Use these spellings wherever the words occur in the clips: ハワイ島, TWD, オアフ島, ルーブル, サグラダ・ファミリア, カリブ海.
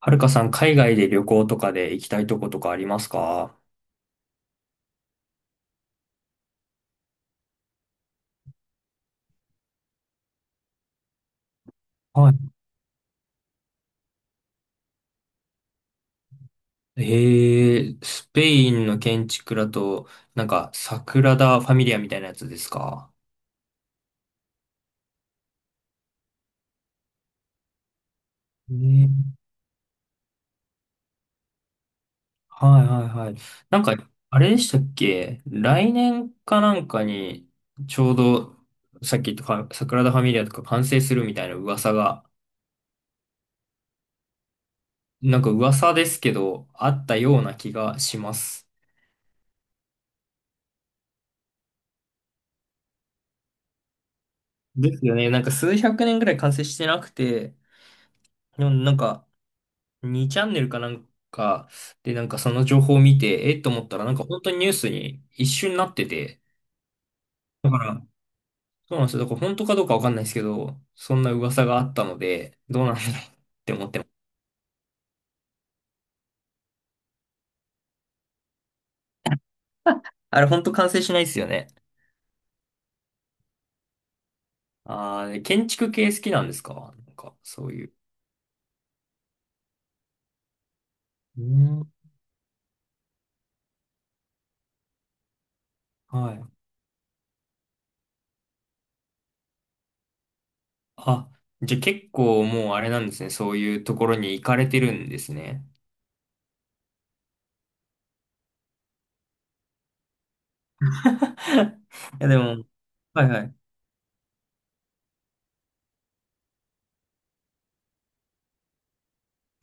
はるかさん、海外で旅行とかで行きたいとことかありますか？はい。スペインの建築だと、サグラダ・ファミリアみたいなやつですか？ねはいはいはい。なんか、あれでしたっけ来年かなんかに、ちょうど、さっき言ったかサグラダ・ファミリアとか完成するみたいな噂が、なんか噂ですけど、あったような気がします。ですよね。なんか数百年ぐらい完成してなくて、でもなんか、2チャンネルかなんかでなんかその情報を見て、えっと思ったらなんか本当にニュースに一瞬なってて、だから、そうなんですよ。だから本当かどうかわかんないですけど、そんな噂があったので、どうなんだろう。あれ本当完成しないですよね。ああ、建築系好きなんですか？なんかそういう。うん。はい。あ、じゃあ結構もうあれなんですね。そういうところに行かれてるんですね。いやでも、はいはい。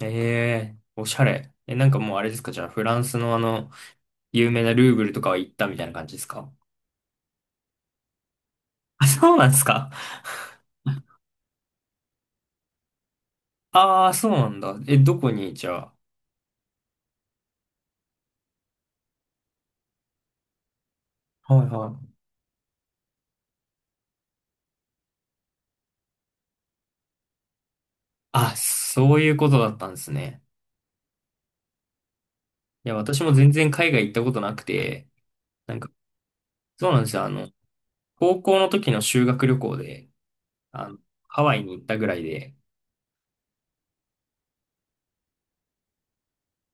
ええおしゃれ。え、なんかもうあれですか、じゃあ、フランスの有名なルーブルとかは行ったみたいな感じですか？ あ、そうなんですか？ああそうなんだ。え、どこにじゃあ。はいはい。あ、そういうことだったんですね。いや、私も全然海外行ったことなくて、なんか、そうなんですよ。あの、高校の時の修学旅行で、あの、ハワイに行ったぐらいで、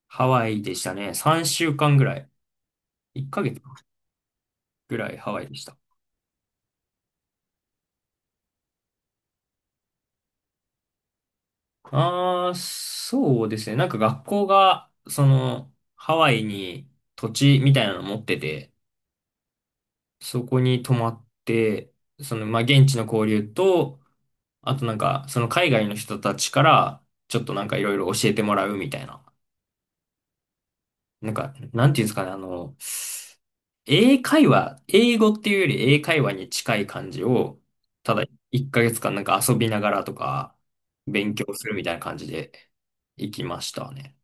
ハワイでしたね。3週間ぐらい。1ヶ月ぐらいハワイでした。ああ、そうですね。なんか学校が、その、ハワイに土地みたいなの持ってて、そこに泊まって、その、まあ、現地の交流と、あとなんか、その海外の人たちから、ちょっとなんかいろいろ教えてもらうみたいな。なんか、なんていうんですかね、あの、英会話、英語っていうより英会話に近い感じを、ただ1ヶ月間なんか遊びながらとか、勉強するみたいな感じで行きましたね。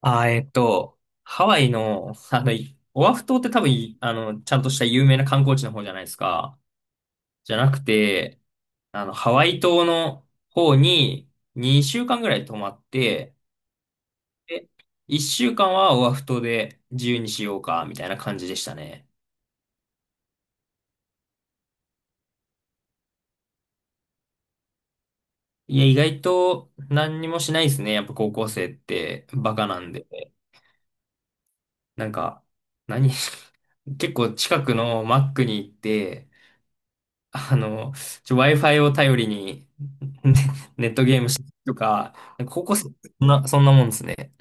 あー、えっと、ハワイの、あの、い、オアフ島って多分い、あの、ちゃんとした有名な観光地の方じゃないですか。じゃなくて、あの、ハワイ島の方に2週間ぐらい泊まって、で、1週間はオアフ島で自由にしようか、みたいな感じでしたね。いや、意外と何にもしないですね。やっぱ高校生ってバカなんで。なんか、何 結構近くのマックに行って、あの、ちょ、 Wi-Fi を頼りにね、ネットゲームしてとか、高校生、そんな、そんなもんですね。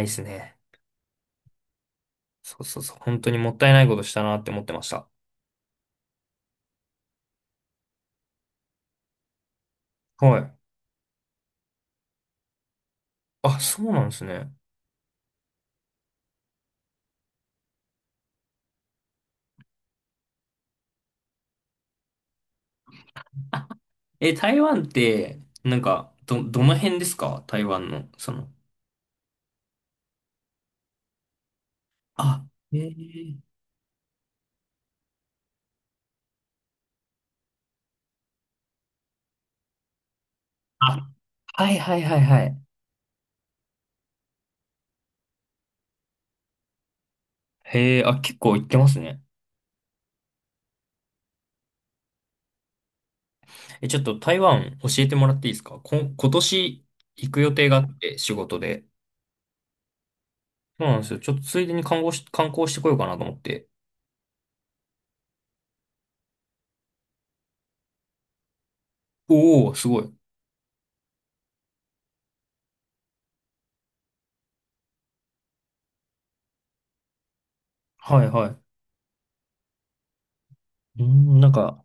ないですね。そうそうそう。本当にもったいないことしたなって思ってました。はい。あ、そうなんですね。え、台湾って、なんか、ど、どの辺ですか？台湾の、その。あ、へえ。あ、はいはいはいはい。へえ、あ、結構行ってますね。え、ちょっと台湾教えてもらっていいですか？こ、今年行く予定があって、仕事で。そうなんですよ。ちょっとついでに観光し、観光してこようかなと思って。おお、すごい。はいはい。うん、なんか、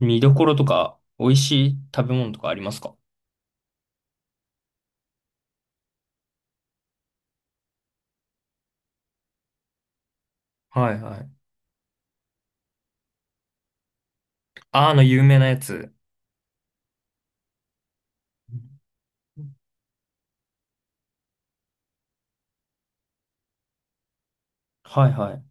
見どころとか、美味しい食べ物とかありますか？はいはい。あーの有名なやつ。はいは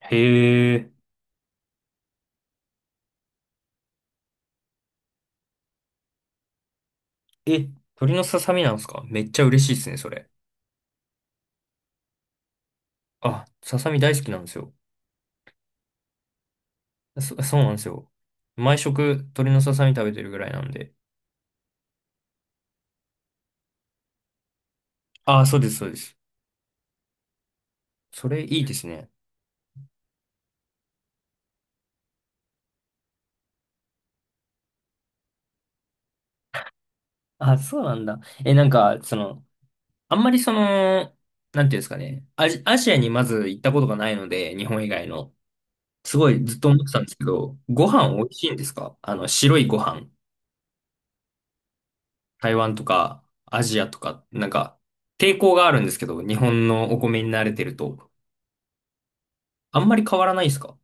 い。へえ。え、鳥のささみなんですか？めっちゃ嬉しいですね、それ。あ、ささみ大好きなんですよ。そ、そうなんですよ。毎食鳥のささみ食べてるぐらいなんで。あー、そうです、そうです。それいいですね。あ、そうなんだ。え、なんか、その、あんまりその、なんていうんですかね。アジ、アジアにまず行ったことがないので、日本以外の。すごいずっと思ってたんですけど、ご飯美味しいんですか？あの、白いご飯。台湾とかアジアとか、なんか抵抗があるんですけど、日本のお米に慣れてると、あんまり変わらないですか？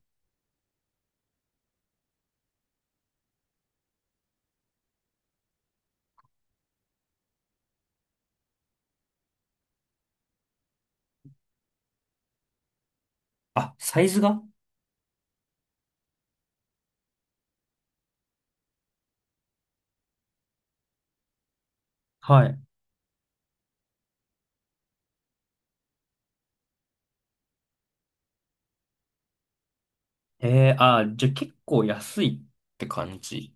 あ、サイズが、はい。えー、あー、じゃあ結構安いって感じ。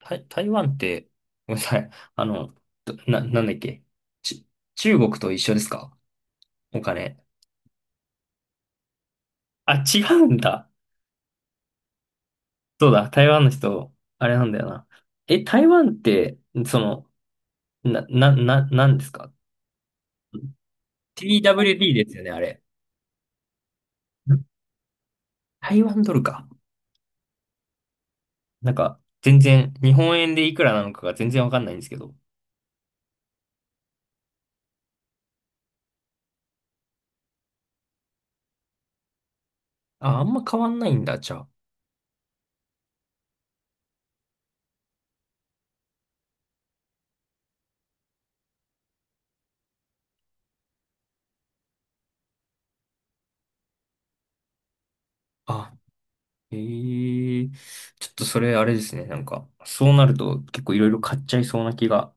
台、台湾って、ごめんなさい。あの、どな、なんだっけ。ち、中国と一緒ですか？お金。あ、違うんだ。そうだ、台湾の人、あれなんだよな。え、台湾って、その、な、な、な、なんですか ?TWD ですよね、あれ。台湾ドルか。なんか、全然、日本円でいくらなのかが全然わかんないんですけど。あ、あんま変わんないんだ、じゃあ。あ、へえ、ちょっとそれあれですね。なんか、そうなると結構いろいろ買っちゃいそうな気が。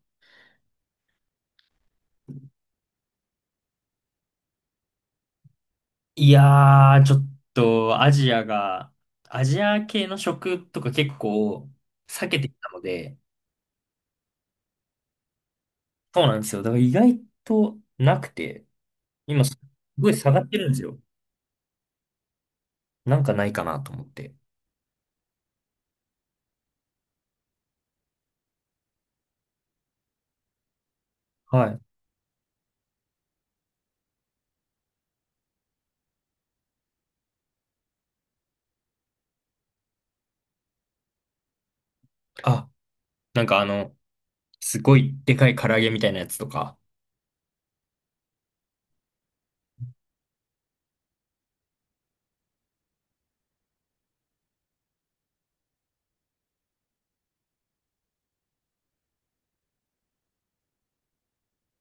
いやー、ちょっとアジアが、アジア系の食とか結構避けてきたので、そうなんですよ。だから意外となくて、今すごい下がってるんですよ。なんかないかなと思って。はい。あ、なんかあの、すごいでかい唐揚げみたいなやつとか。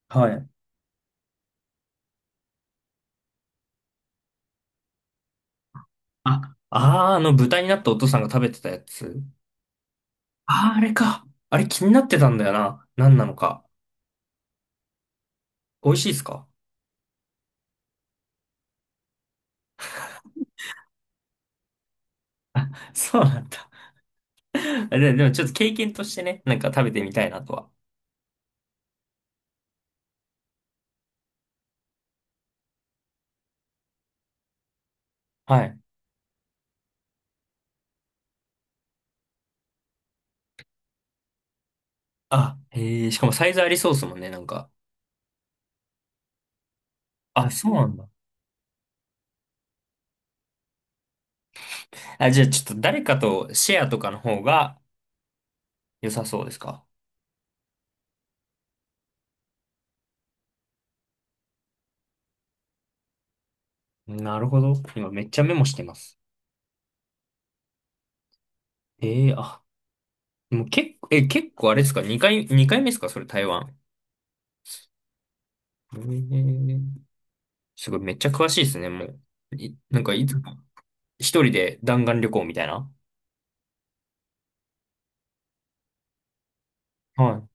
はい。あ、あー、あの豚になったお父さんが食べてたやつ。あー、あれか。あれ気になってたんだよな。何なのか。美味しいですか？ そうなんだ。で、でもちょっと経験としてね、なんか食べてみたいなとは。はい。あ、へえ、しかもサイズありそうですもんね、なんか。あ、そうなんだ。あ、じゃあちょっと誰かとシェアとかの方が良さそうですか？なるほど。今めっちゃメモしてます。ええ、あ、でも結構、え、結構あれですか ?2 回、二回目ですか？それ台湾。えー、すごい、めっちゃ詳しいですね、もう。い、なんか、いつも、一人で弾丸旅行みたいな。はい、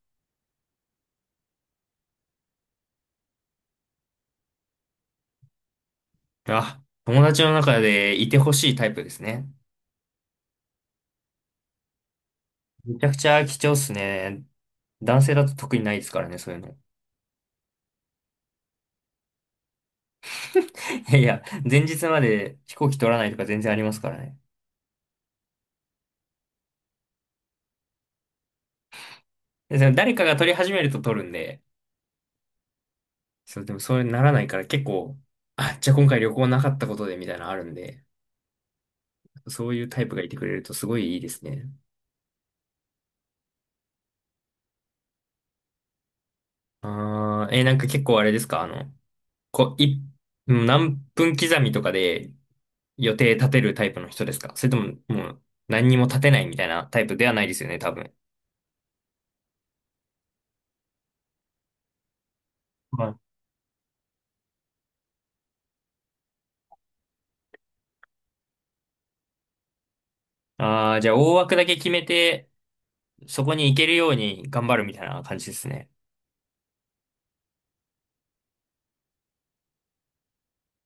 あ、友達の中でいてほしいタイプですね。めちゃくちゃ貴重っすね。男性だと特にないですからね、そういうの。いやいや、前日まで飛行機取らないとか全然ありますからね。で、その誰かが取り始めると取るんで、そう、でもそうならないから結構、あ、じゃあ今回旅行なかったことでみたいなのあるんで、そういうタイプがいてくれるとすごいいいですね。あー、えー、なんか結構あれですか、あの、こう、い、うん、何分刻みとかで予定立てるタイプの人ですか？それとも、もう何にも立てないみたいなタイプではないですよね、多分。はい。ああ、じゃあ大枠だけ決めて、そこに行けるように頑張るみたいな感じですね。